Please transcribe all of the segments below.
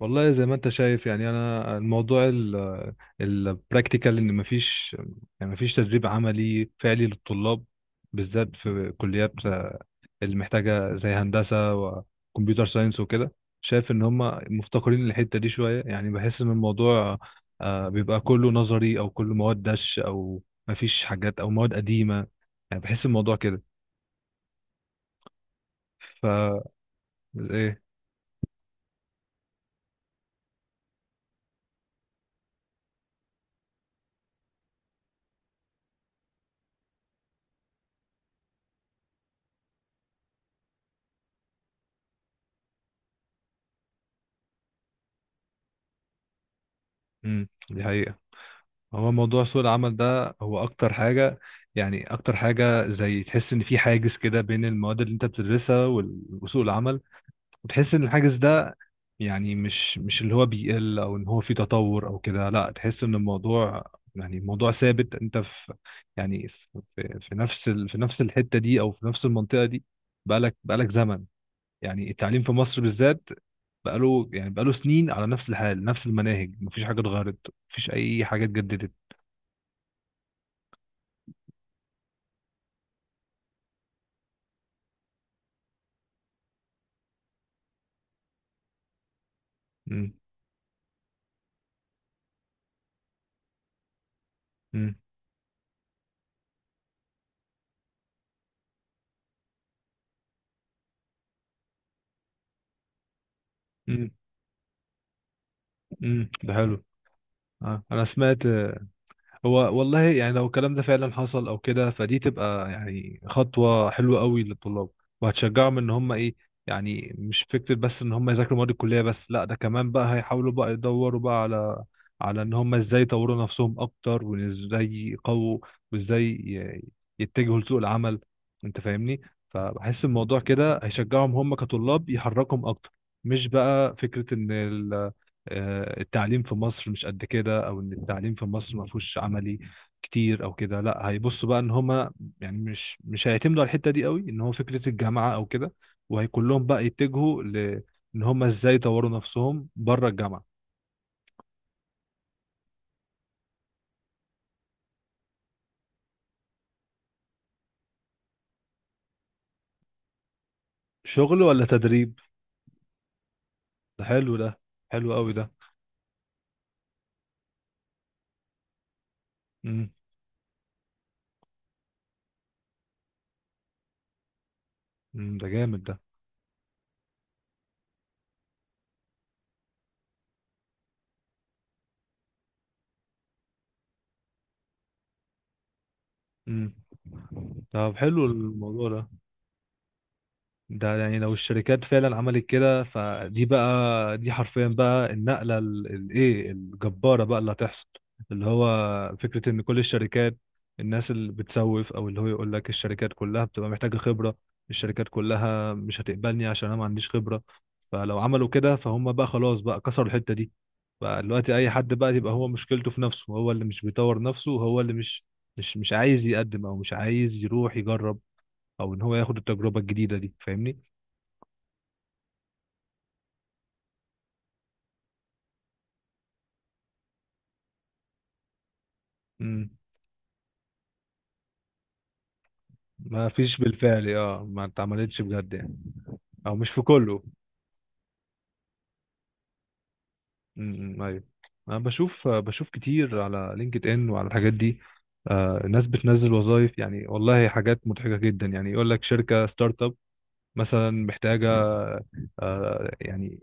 والله زي ما انت شايف، يعني انا الموضوع البراكتيكال ان يعني مفيش تدريب عملي فعلي للطلاب، بالذات في كليات اللي محتاجه زي هندسه وكمبيوتر ساينس وكده. شايف ان هم مفتقرين الحته دي شويه، يعني بحس ان الموضوع بيبقى كله نظري او كله مواد دش او مفيش حاجات او مواد قديمه، يعني بحس الموضوع كده. ف ايه؟ دي حقيقة. هو موضوع سوق العمل ده هو اكتر حاجة، يعني اكتر حاجة زي تحس ان في حاجز كده بين المواد اللي انت بتدرسها وسوق العمل، وتحس ان الحاجز ده، يعني مش اللي هو بيقل او ان هو في تطور او كده، لا تحس ان الموضوع، يعني الموضوع ثابت، انت في، يعني في نفس الحتة دي او في نفس المنطقة دي. بقالك زمن، يعني التعليم في مصر بالذات بقاله سنين على نفس الحال، نفس المناهج، مفيش حاجة اتغيرت، مفيش اي حاجة اتجددت. امم امم امم. ده حلو. آه. انا سمعت. هو والله، يعني لو الكلام ده فعلا حصل او كده، فدي تبقى يعني خطوة حلوة قوي للطلاب، وهتشجعهم ان هم ايه، يعني مش فكرة بس ان هم يذاكروا مواد الكلية بس، لا، ده كمان بقى هيحاولوا بقى يدوروا بقى على ان هم ازاي يطوروا نفسهم اكتر، وازاي يقووا، وازاي يتجهوا لسوق العمل، انت فاهمني؟ فبحس الموضوع كده هيشجعهم هم كطلاب، يحركهم اكتر، مش بقى فكرة ان التعليم في مصر مش قد كده، او ان التعليم في مصر ما فيهوش عملي كتير او كده، لا هيبصوا بقى ان هما، يعني مش هيعتمدوا على الحته دي قوي ان هو فكره الجامعه او كده، وهيكون لهم بقى يتجهوا ان هما ازاي يطوروا نفسهم بره الجامعه. شغل ولا تدريب؟ ده حلو ده، حلو قوي ده. امم. ده جامد ده. امم، طب حلو الموضوع ده. ده يعني لو الشركات فعلا عملت كده فدي بقى، دي حرفيا بقى النقلة الايه الجبارة بقى اللي هتحصل، اللي هو فكرة ان كل الشركات، الناس اللي بتسوف او اللي هو يقول لك الشركات كلها بتبقى محتاجة خبرة، الشركات كلها مش هتقبلني عشان انا ما عنديش خبرة، فلو عملوا كده فهم بقى خلاص بقى كسروا الحتة دي، بقى دلوقتي اي حد بقى يبقى هو مشكلته في نفسه، هو اللي مش بيطور نفسه، هو اللي مش عايز يقدم، او مش عايز يروح يجرب، او ان هو ياخد التجربة الجديدة دي، فاهمني؟ مم. ما فيش بالفعل، ما اتعملتش بجد يعني، او مش في كله. امم، ايوه. انا بشوف كتير على لينكد ان وعلى الحاجات دي. ناس بتنزل وظائف، يعني والله حاجات مضحكه جدا، يعني يقول لك شركه ستارت اب مثلا محتاجه، يعني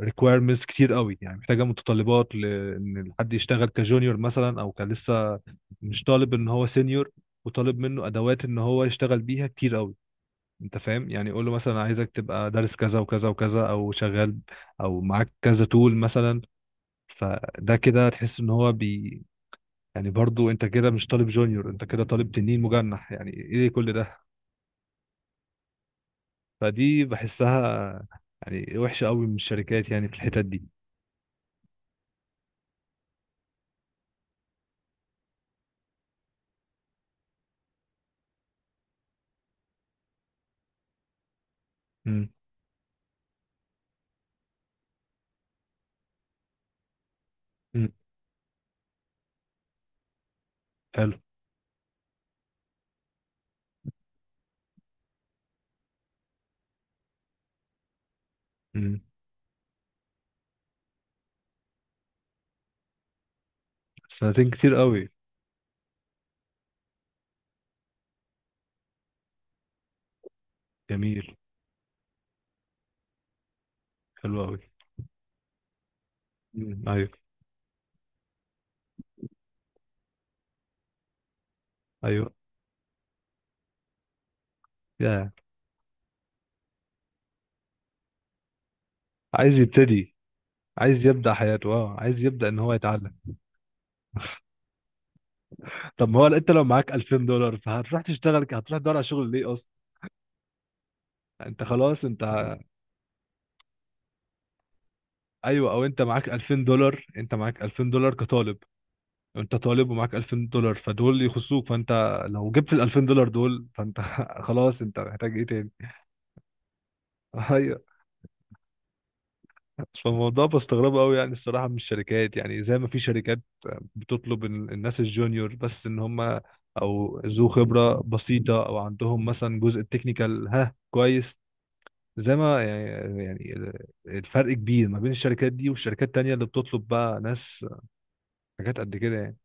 ريكويرمنتس كتير قوي، يعني محتاجه متطلبات لان حد يشتغل كجونيور مثلا، او كان لسه مش طالب ان هو سينيور، وطالب منه ادوات ان هو يشتغل بيها كتير قوي، انت فاهم، يعني قول له مثلا عايزك تبقى دارس كذا وكذا وكذا، او شغال، او معاك كذا تول مثلا، فده كده تحس ان هو يعني برضو انت كده مش طالب جونيور، انت كده طالب تنين مجنح، يعني ايه كل ده؟ فدي بحسها يعني وحشة قوي من الشركات، يعني في الحتت دي. امم. امم. حلو. امم. سنتين كتير قوي. جميل. حلو قوي. امم، ايوه ايوه. يا. عايز يبتدي، عايز يبدأ حياته، اه عايز يبدأ ان هو يتعلم. طب ما هو انت لو معاك 2000 دولار فهتروح تشتغل، هتروح تدور على شغل ليه اصلا؟ انت خلاص انت. ايوه، او انت معاك 2000 دولار، انت معاك 2000 دولار كطالب، انت طالب ومعاك 2000 دولار، فدول يخصوك، فانت لو جبت ال 2000 دولار دول فانت خلاص، انت محتاج ايه تاني؟ ايوه. فالموضوع بستغربه قوي يعني الصراحه من الشركات، يعني زي ما في شركات بتطلب الناس الجونيور بس ان هم، او ذو خبره بسيطه، او عندهم مثلا جزء التكنيكال، ها كويس، زي ما يعني، الفرق كبير ما بين الشركات دي والشركات التانية اللي بتطلب بقى ناس حاجات قد كده يعني،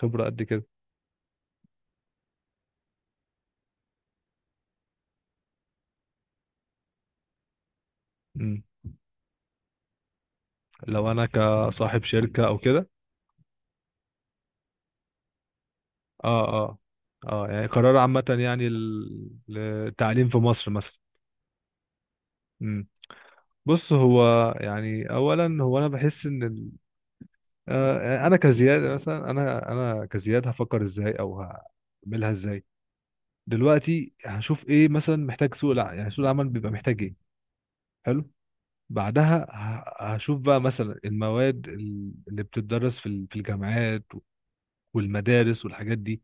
خبرة قد كده. مم. لو أنا كصاحب شركة أو كده. اه، اه. اه يعني قرار عامة، يعني للتعليم في مصر مثلا. مم. بص هو يعني، اولا هو انا بحس ان ال... آه، يعني انا كزياد مثلا، انا كزياد هفكر ازاي او هعملها ازاي، دلوقتي هشوف ايه مثلا محتاج سوق العمل، يعني سوق العمل بيبقى محتاج ايه. حلو. بعدها هشوف بقى مثلا المواد اللي بتدرس في في الجامعات والمدارس والحاجات دي،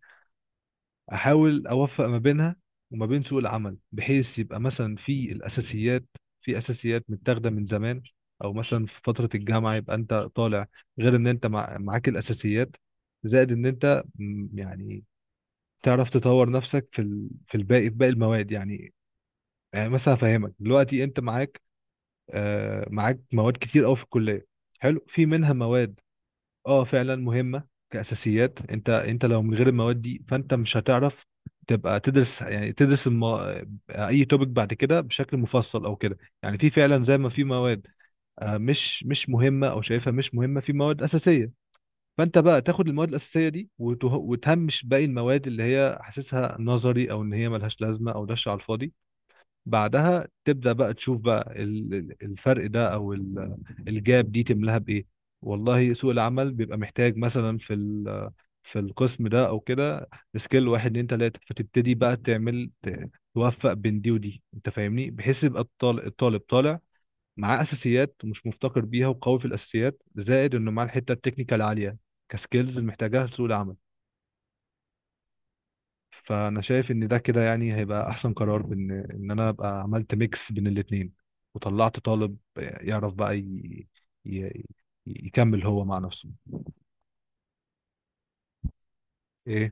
احاول اوفق ما بينها وما بين سوق العمل، بحيث يبقى مثلا في الاساسيات، في اساسيات متاخده من زمان، او مثلا في فتره الجامعه يبقى انت طالع، غير ان انت معاك الاساسيات، زائد ان انت يعني تعرف تطور نفسك في في الباقي، في باقي المواد يعني. يعني مثلا افهمك دلوقتي انت معاك، معاك مواد كتير قوي في الكليه، حلو، في منها مواد اه فعلا مهمه كاساسيات، انت لو من غير المواد دي فانت مش هتعرف تبقى تدرس، يعني تدرس الم... آه، اي توبيك بعد كده بشكل مفصل او كده، يعني في فعلا زي ما في مواد مش مهمه او شايفها مش مهمه، في مواد اساسيه، فانت بقى تاخد المواد الاساسيه دي وتهمش باقي المواد اللي هي حاسسها نظري، او ان هي ملهاش لازمه، او دش على الفاضي. بعدها تبدأ بقى تشوف بقى الفرق ده، او الجاب دي تملاها بايه، والله سوق العمل بيبقى محتاج مثلا في في القسم ده او كده، سكيل واحد اتنين تلاتة، فتبتدي بقى تعمل توفق بين دي ودي، انت فاهمني؟ بحيث يبقى الطالب طالع معاه اساسيات، مش مفتقر بيها، وقوي في الاساسيات، زائد انه معاه الحتة التكنيكال عالية كسكيلز محتاجها لسوق العمل. فانا شايف ان ده كده يعني هيبقى احسن قرار، بان ان انا ابقى عملت ميكس بين الاتنين، وطلعت طالب يعرف ي... يكمل هو مع نفسه. ايه؟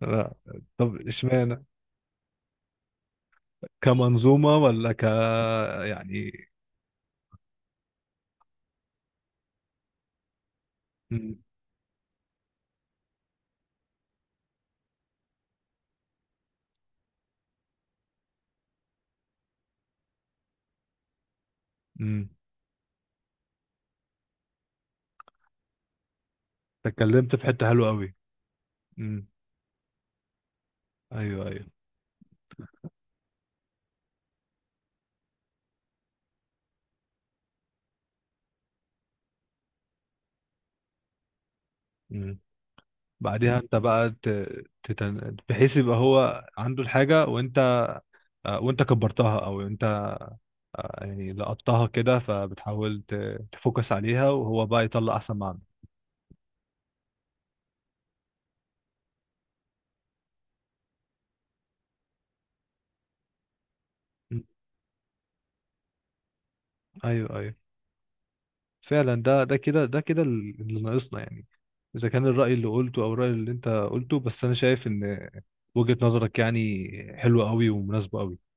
لا. طب اشمعنى؟ كمنظومة ولا يعني. امم. امم. اتكلمت في حتة حلوة قوي. امم، ايوه ايوه. امم. بعديها انت بقى بحيث يبقى هو عنده الحاجة، وانت كبرتها، او انت، يعني لقطتها كده، فبتحاول تفوكس عليها، وهو بقى يطلع احسن ما عنده. م. ايوه ايوه. فعلا ده كده اللي ناقصنا يعني، اذا كان الرأي اللي قلته، او الرأي اللي انت قلته، بس انا شايف ان وجهة نظرك يعني حلوة قوي ومناسبة قوي.